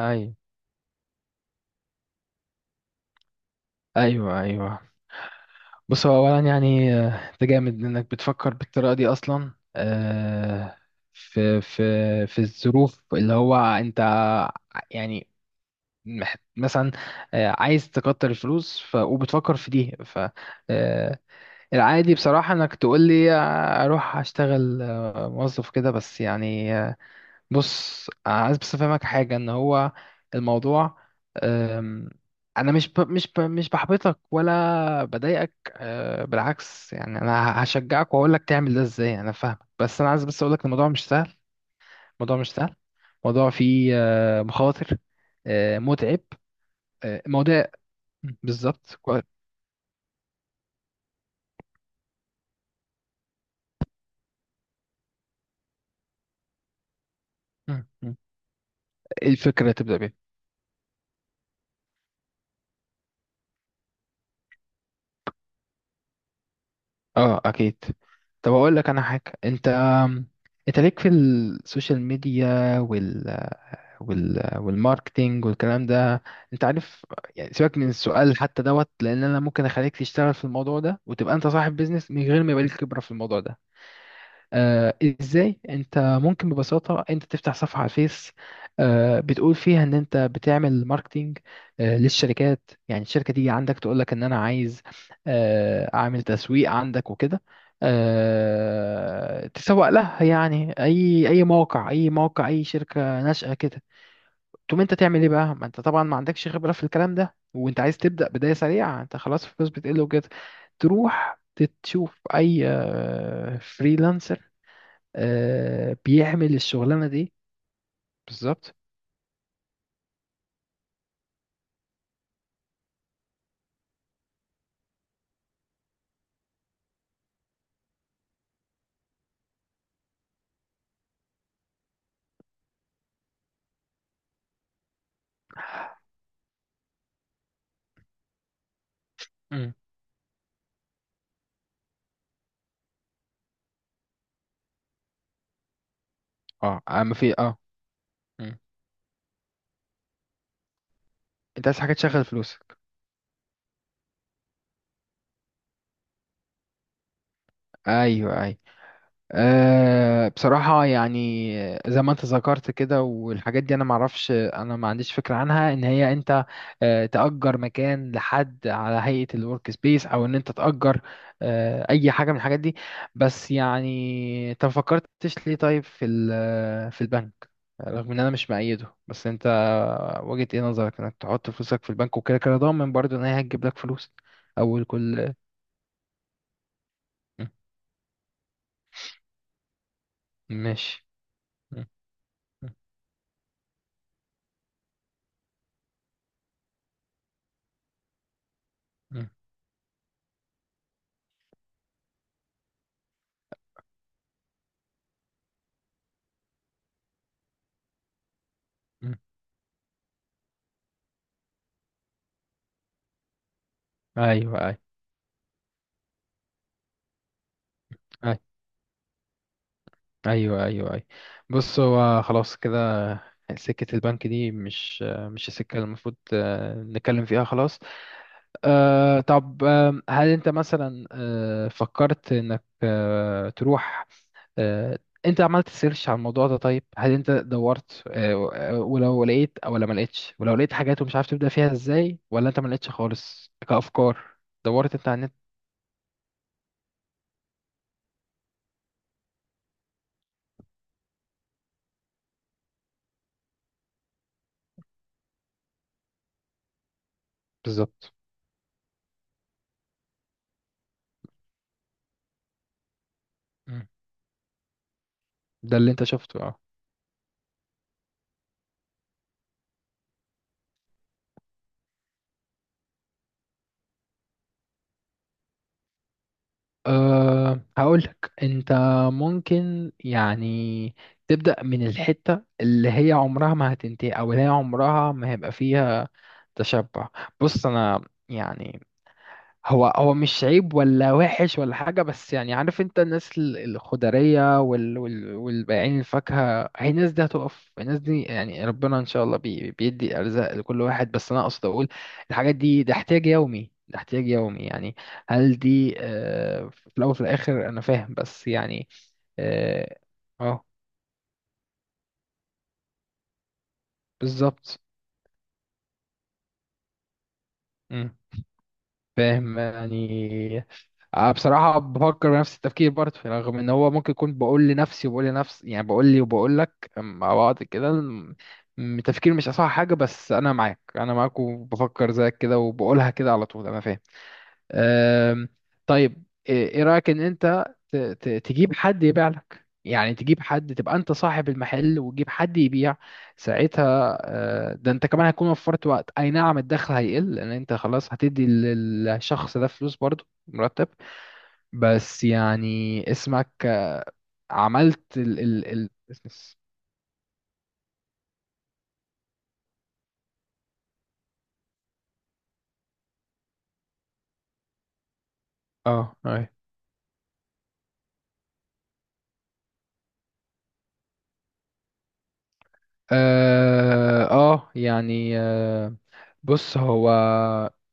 ايوه ايوه ايوه. بص هو اولا يعني، انت جامد انك بتفكر بالطريقه دي اصلا، في في في الظروف اللي هو انت يعني، مثلا، عايز تكتر الفلوس، ف وبتفكر في دي، ف آه، العادي بصراحه انك تقول لي اروح اشتغل موظف كده، بس يعني. بص عايز بس افهمك حاجه ان هو الموضوع. أم، انا مش بحبطك ولا بضايقك، بالعكس، يعني انا هشجعك واقول لك تعمل ده ازاي، انا فاهمك، بس انا عايز بس اقول لك الموضوع مش سهل. الموضوع مش سهل، الموضوع فيه مخاطر، متعب، الموضوع... بالظبط، كويس. مم، مم. إيه الفكره تبدا بيها؟ اه، اكيد. طب اقول لك انا حاجه، انت انت ليك في السوشيال ميديا والماركتينج والكلام ده، انت عارف يعني. سيبك من السؤال حتى دوت، لان انا ممكن اخليك تشتغل في الموضوع ده وتبقى انت صاحب بيزنس من غير ما يبقى ليك خبرة في الموضوع ده. آه ازاي انت ممكن؟ ببساطة انت تفتح صفحة على الفيس، بتقول فيها ان انت بتعمل ماركتينج للشركات، يعني الشركة تيجي عندك تقول لك ان انا عايز اعمل تسويق عندك وكده، تسوق لها، يعني اي اي موقع، اي موقع، اي شركه ناشئه كده. تقوم انت تعمل ايه بقى؟ ما انت طبعا ما عندكش خبرة في الكلام ده، وانت عايز تبدأ بداية سريعة، انت خلاص الفلوس بتقل وكده، تروح تشوف اي فريلانسر بيعمل الشغلانة دي. بالظبط. مم. اه اما في اه. مم. انت عايز حاجة تشغل فلوسك. ايوه ايوه. بصراحة يعني، زي ما انت ذكرت كده والحاجات دي، انا معرفش، انا ما عنديش فكرة عنها، ان هي انت تأجر مكان لحد على هيئة الورك سبيس، او ان انت تأجر اي حاجة من الحاجات دي. بس يعني انت ما فكرتش ليه طيب، في في البنك؟ رغم ان انا مش مأيده، بس انت وجهة ايه نظرك انك تحط فلوسك في البنك، وكده كده ضامن برضو ان هي هتجيب لك فلوس. اول كل... ماشي، م- م- م- م. ايوه ايوه أيوه. ايوه ايوه ايوه. بص هو خلاص كده، سكة البنك دي مش مش السكة اللي المفروض نتكلم فيها، خلاص. طب، هل انت مثلا فكرت انك تروح؟ أه انت عملت سيرش على الموضوع ده؟ طيب هل انت دورت ولو لقيت او ولا ما لقيتش، ولو لقيت حاجات ومش عارف تبدأ فيها ازاي، ولا انت ما لقيتش خالص كأفكار؟ دورت انت على النت؟ بالظبط. مم. ده اللي انت شفته، اه. هقولك، انت ممكن يعني تبدأ من الحتة اللي هي عمرها ما هتنتهي، او اللي هي عمرها ما هيبقى فيها تشبع. بص انا يعني هو هو مش عيب ولا وحش ولا حاجة، بس يعني عارف انت الناس الخضرية والبائعين الفاكهة، هي الناس دي هتقف، الناس دي يعني ربنا ان شاء الله بيدي ارزاق لكل واحد، بس انا اقصد اقول الحاجات دي، ده احتياج يومي، ده احتياج يومي يعني. هل دي في الاول وفي الاخر، انا فاهم بس يعني. اه، آه، بالظبط، فاهم يعني. بصراحة بفكر بنفس التفكير برضه يعني، رغم ان هو ممكن يكون، بقول لنفسي وبقول لنفسي، يعني بقول لي وبقول لك مع بعض كده، التفكير مش اصح حاجة، بس انا معاك، انا معاك، وبفكر زيك كده، وبقولها كده على طول، انا فاهم. أم، طيب، إيه رأيك ان انت تجيب حد يبيع لك؟ يعني تجيب حد تبقى انت صاحب المحل وتجيب حد يبيع، ساعتها ده انت كمان هتكون وفرت وقت، اي نعم الدخل هيقل لان انت خلاص هتدي للشخص ده فلوس برضه مرتب، بس يعني اسمك عملت ال ال ال business. اه، أي. اه، يعني بص هو،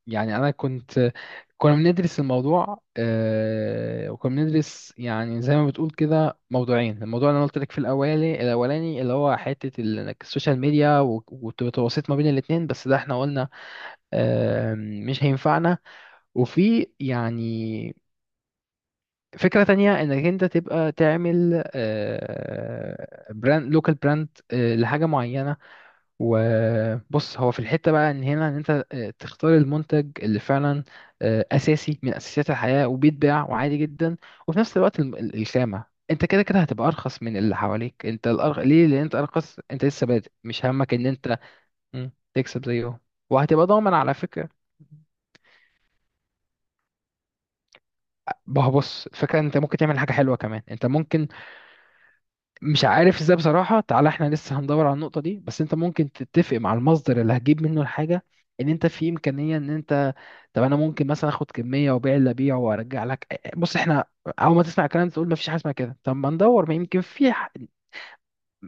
يعني انا كنت كنا بندرس الموضوع وكنا بندرس، يعني زي ما بتقول كده، موضوعين، الموضوع اللي انا قلت لك في الاولاني، الاولاني اللي هو حته إنك السوشيال ميديا والتواصل ما بين الاثنين، بس ده احنا قلنا مش هينفعنا، وفي يعني فكرة تانية، انك انت تبقى تعمل براند، لوكال براند لحاجة معينة، وبص هو في الحتة بقى، ان هنا ان انت تختار المنتج اللي فعلا اساسي من اساسيات الحياة، وبيتباع وعادي جدا، وفي نفس الوقت الخامة، انت كده كده هتبقى ارخص من اللي حواليك، انت ليه؟ لان انت ارخص، انت لسه بادئ، مش همك ان انت تكسب زيهم، وهتبقى ضامن على فكرة. ما هو بص، الفكرة إن انت ممكن تعمل حاجة حلوة كمان، انت ممكن، مش عارف ازاي بصراحة، تعالى احنا لسه هندور على النقطة دي، بس انت ممكن تتفق مع المصدر اللي هتجيب منه الحاجة، ان انت في امكانية ان انت، طب انا ممكن مثلا اخد كمية، وابيع اللي ابيعه وارجع لك. بص احنا، اول ما تسمع الكلام ده تقول ما فيش حاجة اسمها كده، طب ما ندور، ما يمكن في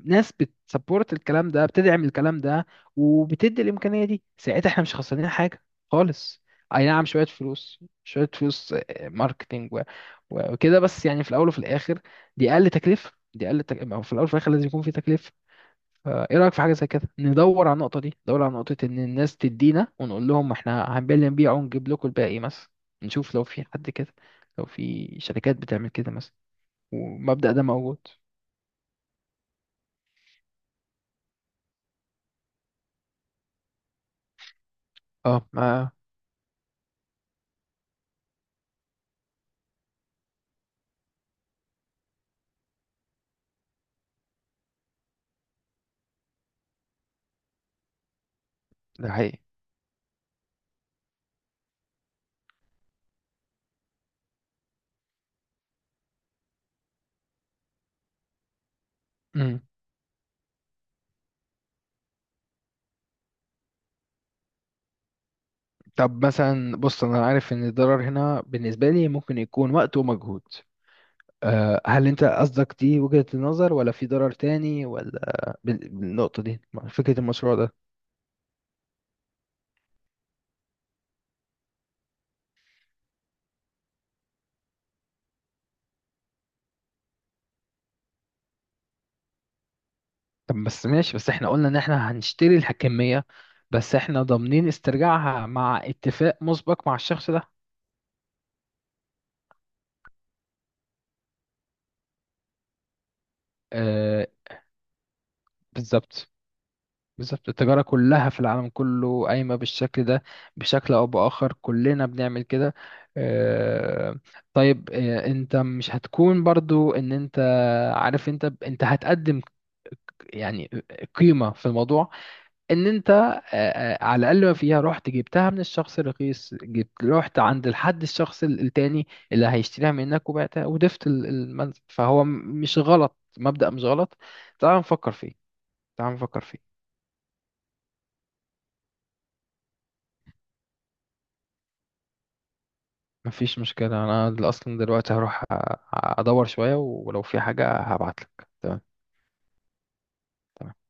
ناس بتسبورت الكلام ده، بتدعم الكلام ده، وبتدي الامكانيه دي، ساعتها احنا مش خسرانين حاجه خالص. اي نعم، شويه فلوس، شويه فلوس، ماركتينج، وكده، بس يعني في الاول وفي الاخر دي اقل تكلفه، أو في الاول وفي الاخر لازم يكون في تكلفه. فايه رايك في حاجه زي كده؟ ندور على النقطه دي، ندور على نقطه ان الناس تدينا ونقول لهم احنا هنبيع، نبيع ونجيب لكم الباقي مثلا، نشوف لو في حد كده، لو في شركات بتعمل كده مثلا، والمبدأ ده موجود. اه، ما ده حقيقي. طب مثلا، بص انا عارف ان الضرر هنا بالنسبه لي ممكن يكون وقت ومجهود. هل انت قصدك دي وجهه النظر، ولا في ضرر تاني، ولا بالنقطه دي مع فكره المشروع ده؟ طب بس ماشي، بس احنا قلنا ان احنا هنشتري الحكميه، بس احنا ضامنين استرجاعها مع اتفاق مسبق مع الشخص ده. أه بالظبط. بالظبط التجارة كلها في العالم كله قايمة بالشكل ده، بشكل أو بآخر كلنا بنعمل كده. آه، طيب، أنت مش هتكون برضو إن أنت عارف، أنت هتقدم يعني قيمة في الموضوع، إن أنت على الأقل ما فيها، رحت جبتها من الشخص الرخيص، جبت رحت عند الشخص التاني اللي هيشتريها منك وبعتها، وضفت المنزل، فهو مش غلط، مبدأ مش غلط. تعال نفكر فيه. تعال نفكر فيه. مفيش مشكلة، أنا أصلا دلوقتي هروح أدور شوية، ولو في حاجة هبعتلك. تمام. تمام